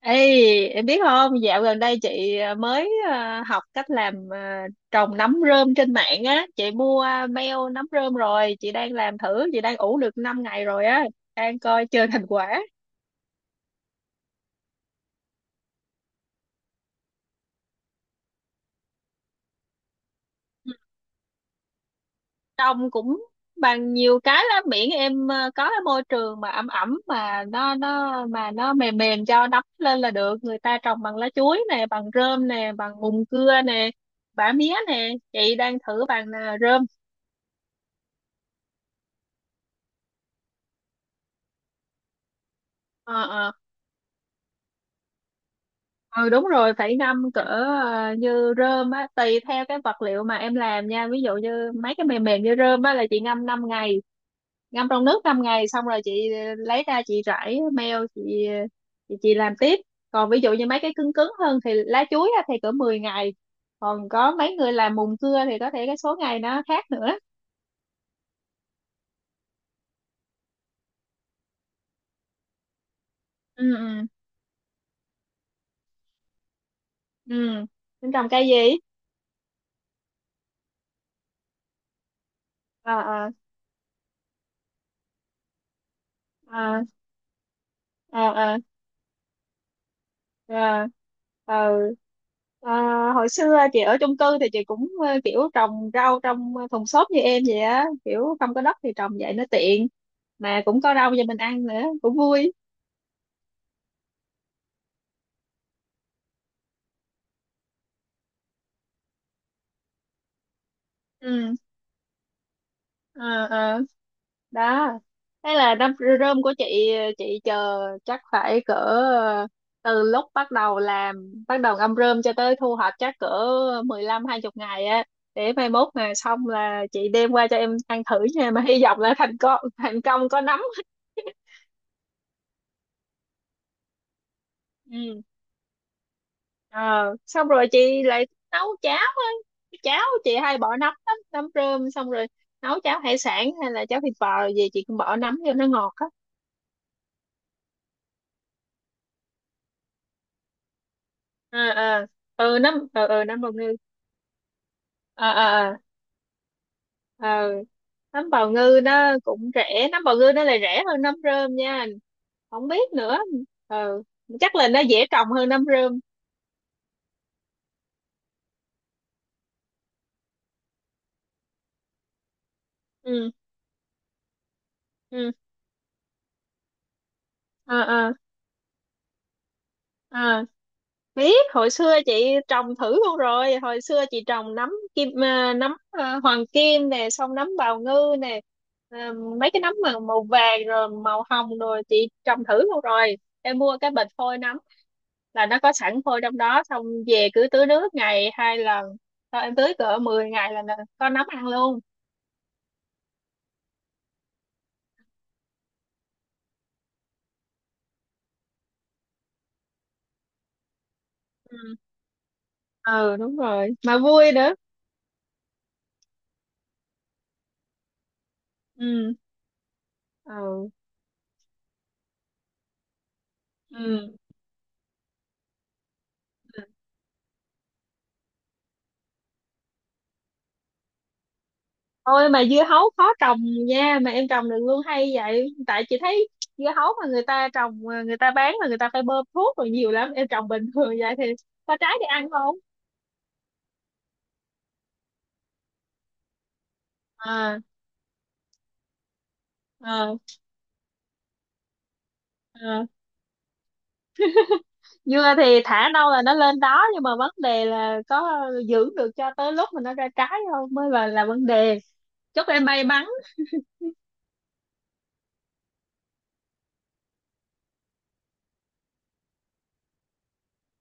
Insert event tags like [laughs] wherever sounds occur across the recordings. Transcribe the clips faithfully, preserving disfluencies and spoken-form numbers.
Ê, em biết không, dạo gần đây chị à, mới à, học cách làm à, trồng nấm rơm trên mạng á, chị mua à, beo nấm rơm rồi, chị đang làm thử, chị đang ủ được năm ngày rồi á, đang coi chờ thành quả. Trồng cũng bằng nhiều cái lắm, miễn em à, có cái môi trường mà ẩm ẩm mà nó nó mà nó mềm mềm cho nấm lên là được. Người ta trồng bằng lá chuối nè, bằng rơm nè, bằng mùng cưa nè, bã mía nè, chị đang thử bằng à, rơm. Ờ, ờ. Ừ, đúng rồi, phải ngâm cỡ ờ, như rơm á, tùy theo cái vật liệu mà em làm nha. Ví dụ như mấy cái mềm mềm như rơm á là chị ngâm năm ngày, ngâm trong nước năm ngày, xong rồi chị ờ, lấy ra, chị rải meo, chị chị, chị làm tiếp. Còn ví dụ như mấy cái cứng cứng hơn thì lá chuối á, thì cỡ mười ngày. Còn có mấy người làm mùn cưa thì có thể cái số ngày nó khác nữa. Ừ, ừ, ừ. Tính trồng cây gì? Ờ, ờ, ờ, ờ, ờ, ờ, ờ. À, hồi xưa chị ở chung cư thì chị cũng ờ, kiểu trồng rau trong thùng xốp như em vậy á, kiểu không có đất thì trồng vậy nó tiện, mà cũng có rau cho mình ăn nữa cũng vui. Ừ. Ờ, ờ. Đó, thế là đâm rơm của chị chị chờ chắc phải cỡ ờ, từ lúc bắt đầu làm, bắt đầu ngâm rơm cho tới thu hoạch chắc cỡ mười lăm hai chục ngày á, để mai mốt mà xong là chị đem qua cho em ăn thử nha, mà hy vọng là thành công, thành công có nấm. [laughs] Ừ. Ờ, xong rồi chị lại nấu cháo á, cháo chị hay bỏ nấm lắm, nấm rơm, xong rồi nấu cháo hải sản hay là cháo thịt bò rồi gì chị cũng bỏ nấm cho nó ngọt á. Ờ, ờ. Ừ, nấm ờ ờ nấm bào ngư. Ờ, ờ, ờ, ờ. Nấm bào ngư nó cũng rẻ, nấm bào ngư nó lại rẻ hơn nấm rơm nha, không biết nữa. Ờ, chắc là nó dễ trồng hơn nấm rơm. Ừ, ừ. Ờ, ờ, ờ. Biết, hồi xưa chị trồng thử luôn rồi, hồi xưa chị trồng nấm kim à, nấm à, hoàng kim nè, xong nấm bào ngư nè. À, mấy cái nấm mà màu vàng rồi màu hồng rồi chị trồng thử luôn rồi. Em mua cái bịch phôi nấm là nó có sẵn phôi trong đó, xong về cứ tưới nước ngày hai lần, sau em tưới cỡ mười ngày là là có nấm ăn luôn. Ừ. Ừ, đúng rồi, mà vui nữa. Ừ, ừ, ừ. Ôi, mà dưa hấu khó trồng nha, mà em trồng được luôn hay vậy, tại chị thấy dưa hấu mà người ta trồng à, người ta bán là người ta phải bơm thuốc rồi nhiều lắm, em trồng bình thường vậy thì có trái để ăn không? À, à, à. Dưa thì thả đâu là nó lên đó, nhưng mà vấn đề là có giữ được cho tới lúc mà nó ra trái không mới là là vấn đề. Chúc em may mắn.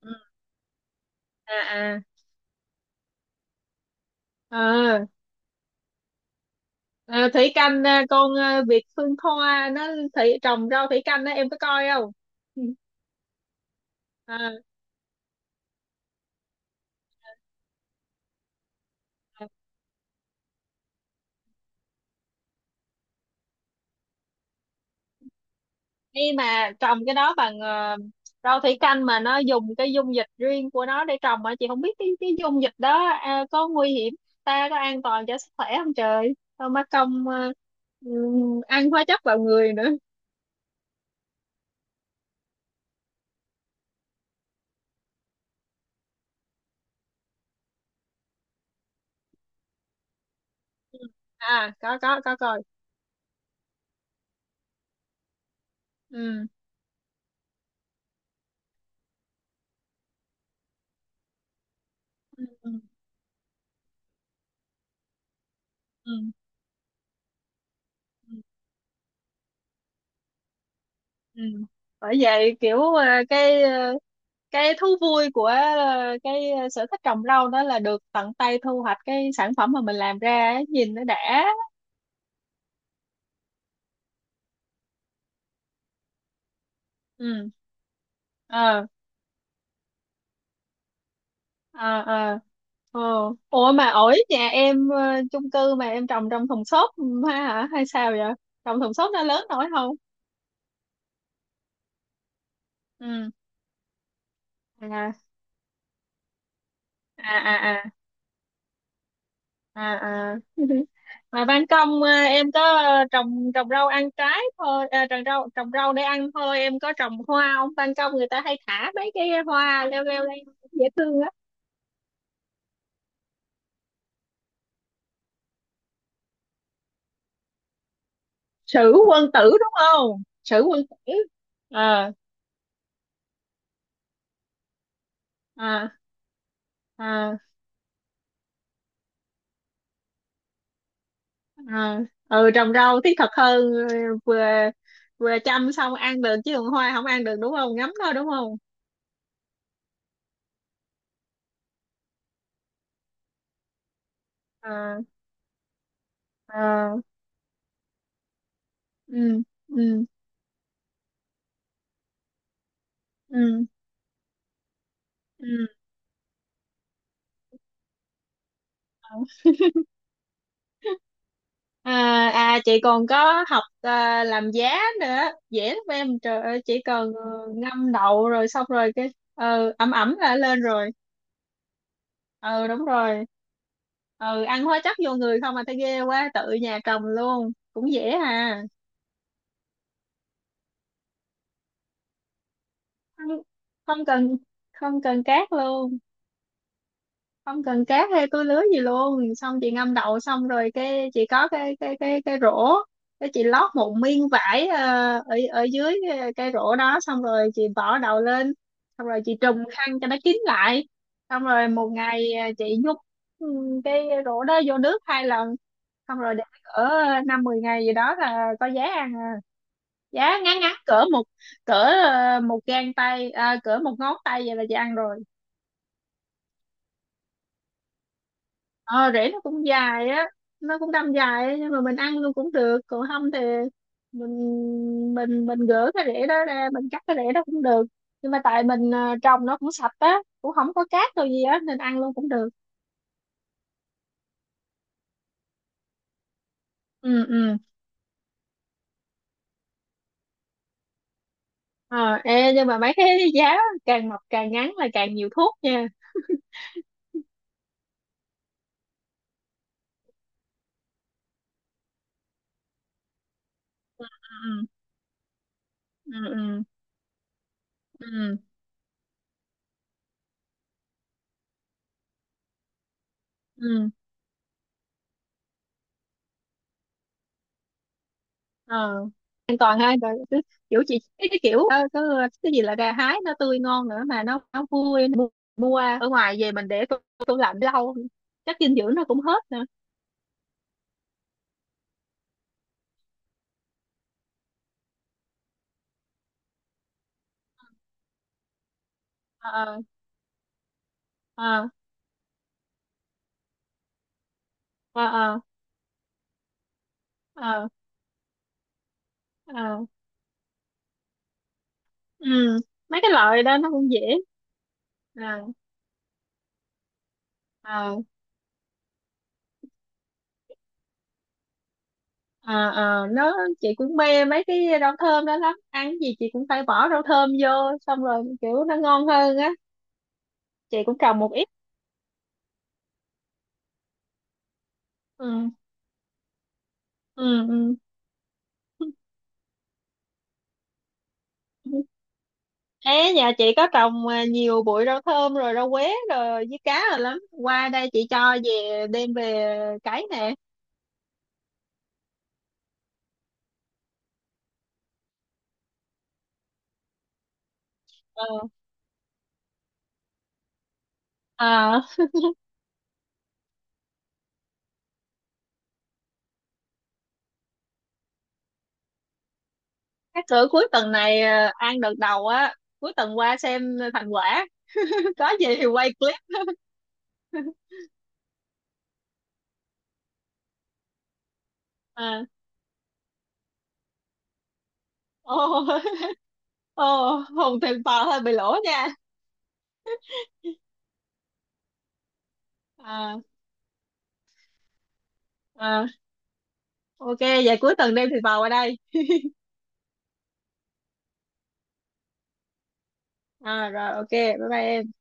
Ừ. À, à. Ờ. Ờ, thủy canh à, con à, Việt Phương Thoa nó thủy trồng rau thủy canh đó em có coi không? Ừ. À. Khi mà trồng cái đó bằng ờ, rau thủy canh mà nó dùng cái dung dịch riêng của nó để trồng, mà chị không biết cái cái dung dịch đó à, có nguy hiểm ta, có an toàn cho sức khỏe không, trời không má công ờ, ừm, ăn hóa chất vào người nữa. À, có có có coi. Ừ, ừ, ừ, ừ, ừ, ừ. Bởi vậy kiểu ờ, cái ờ, cái thú vui của ờ, cái sở thích trồng rau đó là được tận tay thu hoạch cái sản phẩm mà mình làm ra ấy, nhìn nó đã. Ừ. Ờ. Ờ, ờ, ờ, Ủa, mà ổi nhà em ờ, chung cư mà em trồng trong thùng xốp ha hả hay sao vậy? Trồng thùng xốp nó lớn nổi không? Ừ. À, à, à, à, à, à. [laughs] Mà ban công ờ, em có ờ, trồng trồng rau ăn trái thôi à, trồng rau trồng rau để ăn thôi, em có trồng hoa không? Ban công người ta hay thả mấy cái hoa leo leo lên dễ thương á. Sử quân tử đúng không? Sử quân tử. Ờ. À, à, à. Ừ, trồng rau thiết thực hơn. Ừ, vừa vừa chăm xong ăn được, chứ còn hoa không ăn được đúng không, ngấm thôi đúng không. À, à. Ừ, ừ, ừ, ừ. À, à, chị còn có học à, làm giá nữa, dễ lắm em, trời ơi, chỉ cần ờ, ngâm đậu rồi xong rồi cái ờ, ẩm ẩm là lên rồi. Ừ, đúng rồi. Ừ, ăn hóa chất vô người không mà thấy ghê quá, tự nhà trồng luôn cũng dễ hà. Không không cần không cần cát luôn, không cần cát hay túi lứa gì luôn, xong chị ngâm đậu xong rồi cái chị có cái cái cái cái rổ, cái chị lót một miếng vải ờ, ở ở dưới cái, cái rổ đó, xong rồi chị bỏ đậu lên, xong rồi chị trùm khăn cho nó kín lại, xong rồi một ngày ờ, chị nhúng ừ, cái rổ đó vô nước hai lần, xong rồi để cỡ năm mười ngày gì đó là có giá ăn. Giá ngắn ngắn cỡ một, cỡ ờ, một gang tay à, cỡ một ngón tay vậy là chị ăn rồi. Ờ, rễ nó cũng dài á. Nó cũng đâm dài á, nhưng mà mình ăn luôn cũng được, còn không thì mình mình mình gỡ cái rễ đó ra, mình cắt cái rễ đó cũng được, nhưng mà tại mình ờ, trồng nó cũng sạch á, cũng không có cát đâu gì á nên ăn luôn cũng được. Ừ, ừ. Ờ. Ê, nhưng mà mấy cái giá càng mọc càng ngắn là càng nhiều thuốc nha. Ừ, ừ, ừ, ừ, ừ. Ờ, an toàn ha, rồi cứ kiểu chị cái cái kiểu ờ, cái cái gì là gà hái nó tươi ngon nữa, mà nó nó vui, mua, mua ở ngoài về mình để tủ, tủ, lạnh lâu chắc dinh dưỡng nó cũng hết nữa. Ờ, ờ, ờ, ờ, ờ, ờ. Ờ. Ừ, mấy cái loại đó nó cũng dễ. Ờ, ờ, ờ, ờ. Nó, chị cũng mê mấy cái rau thơm đó lắm, ăn cái gì chị cũng phải bỏ rau thơm vô, xong rồi kiểu nó ngon hơn á. Chị cũng trồng một ít. Ừ, ừ, ừ. [laughs] Ê, nhà chị có trồng à, nhiều bụi rau thơm rồi, rau quế rồi với cá rồi lắm. Qua đây chị cho về, đem về cấy nè. Ờ. Ờ, các cửa cuối tuần này à, ăn đợt đầu á, cuối tuần qua xem thành quả. [laughs] Có gì thì quay clip. À. Ô. [laughs] Ô, Hùng thịt bò [laughs] hơi bị lỗ nha. À, à, ok, vậy cuối tuần đem thịt bò qua đây. À, rồi ok, bye bye em.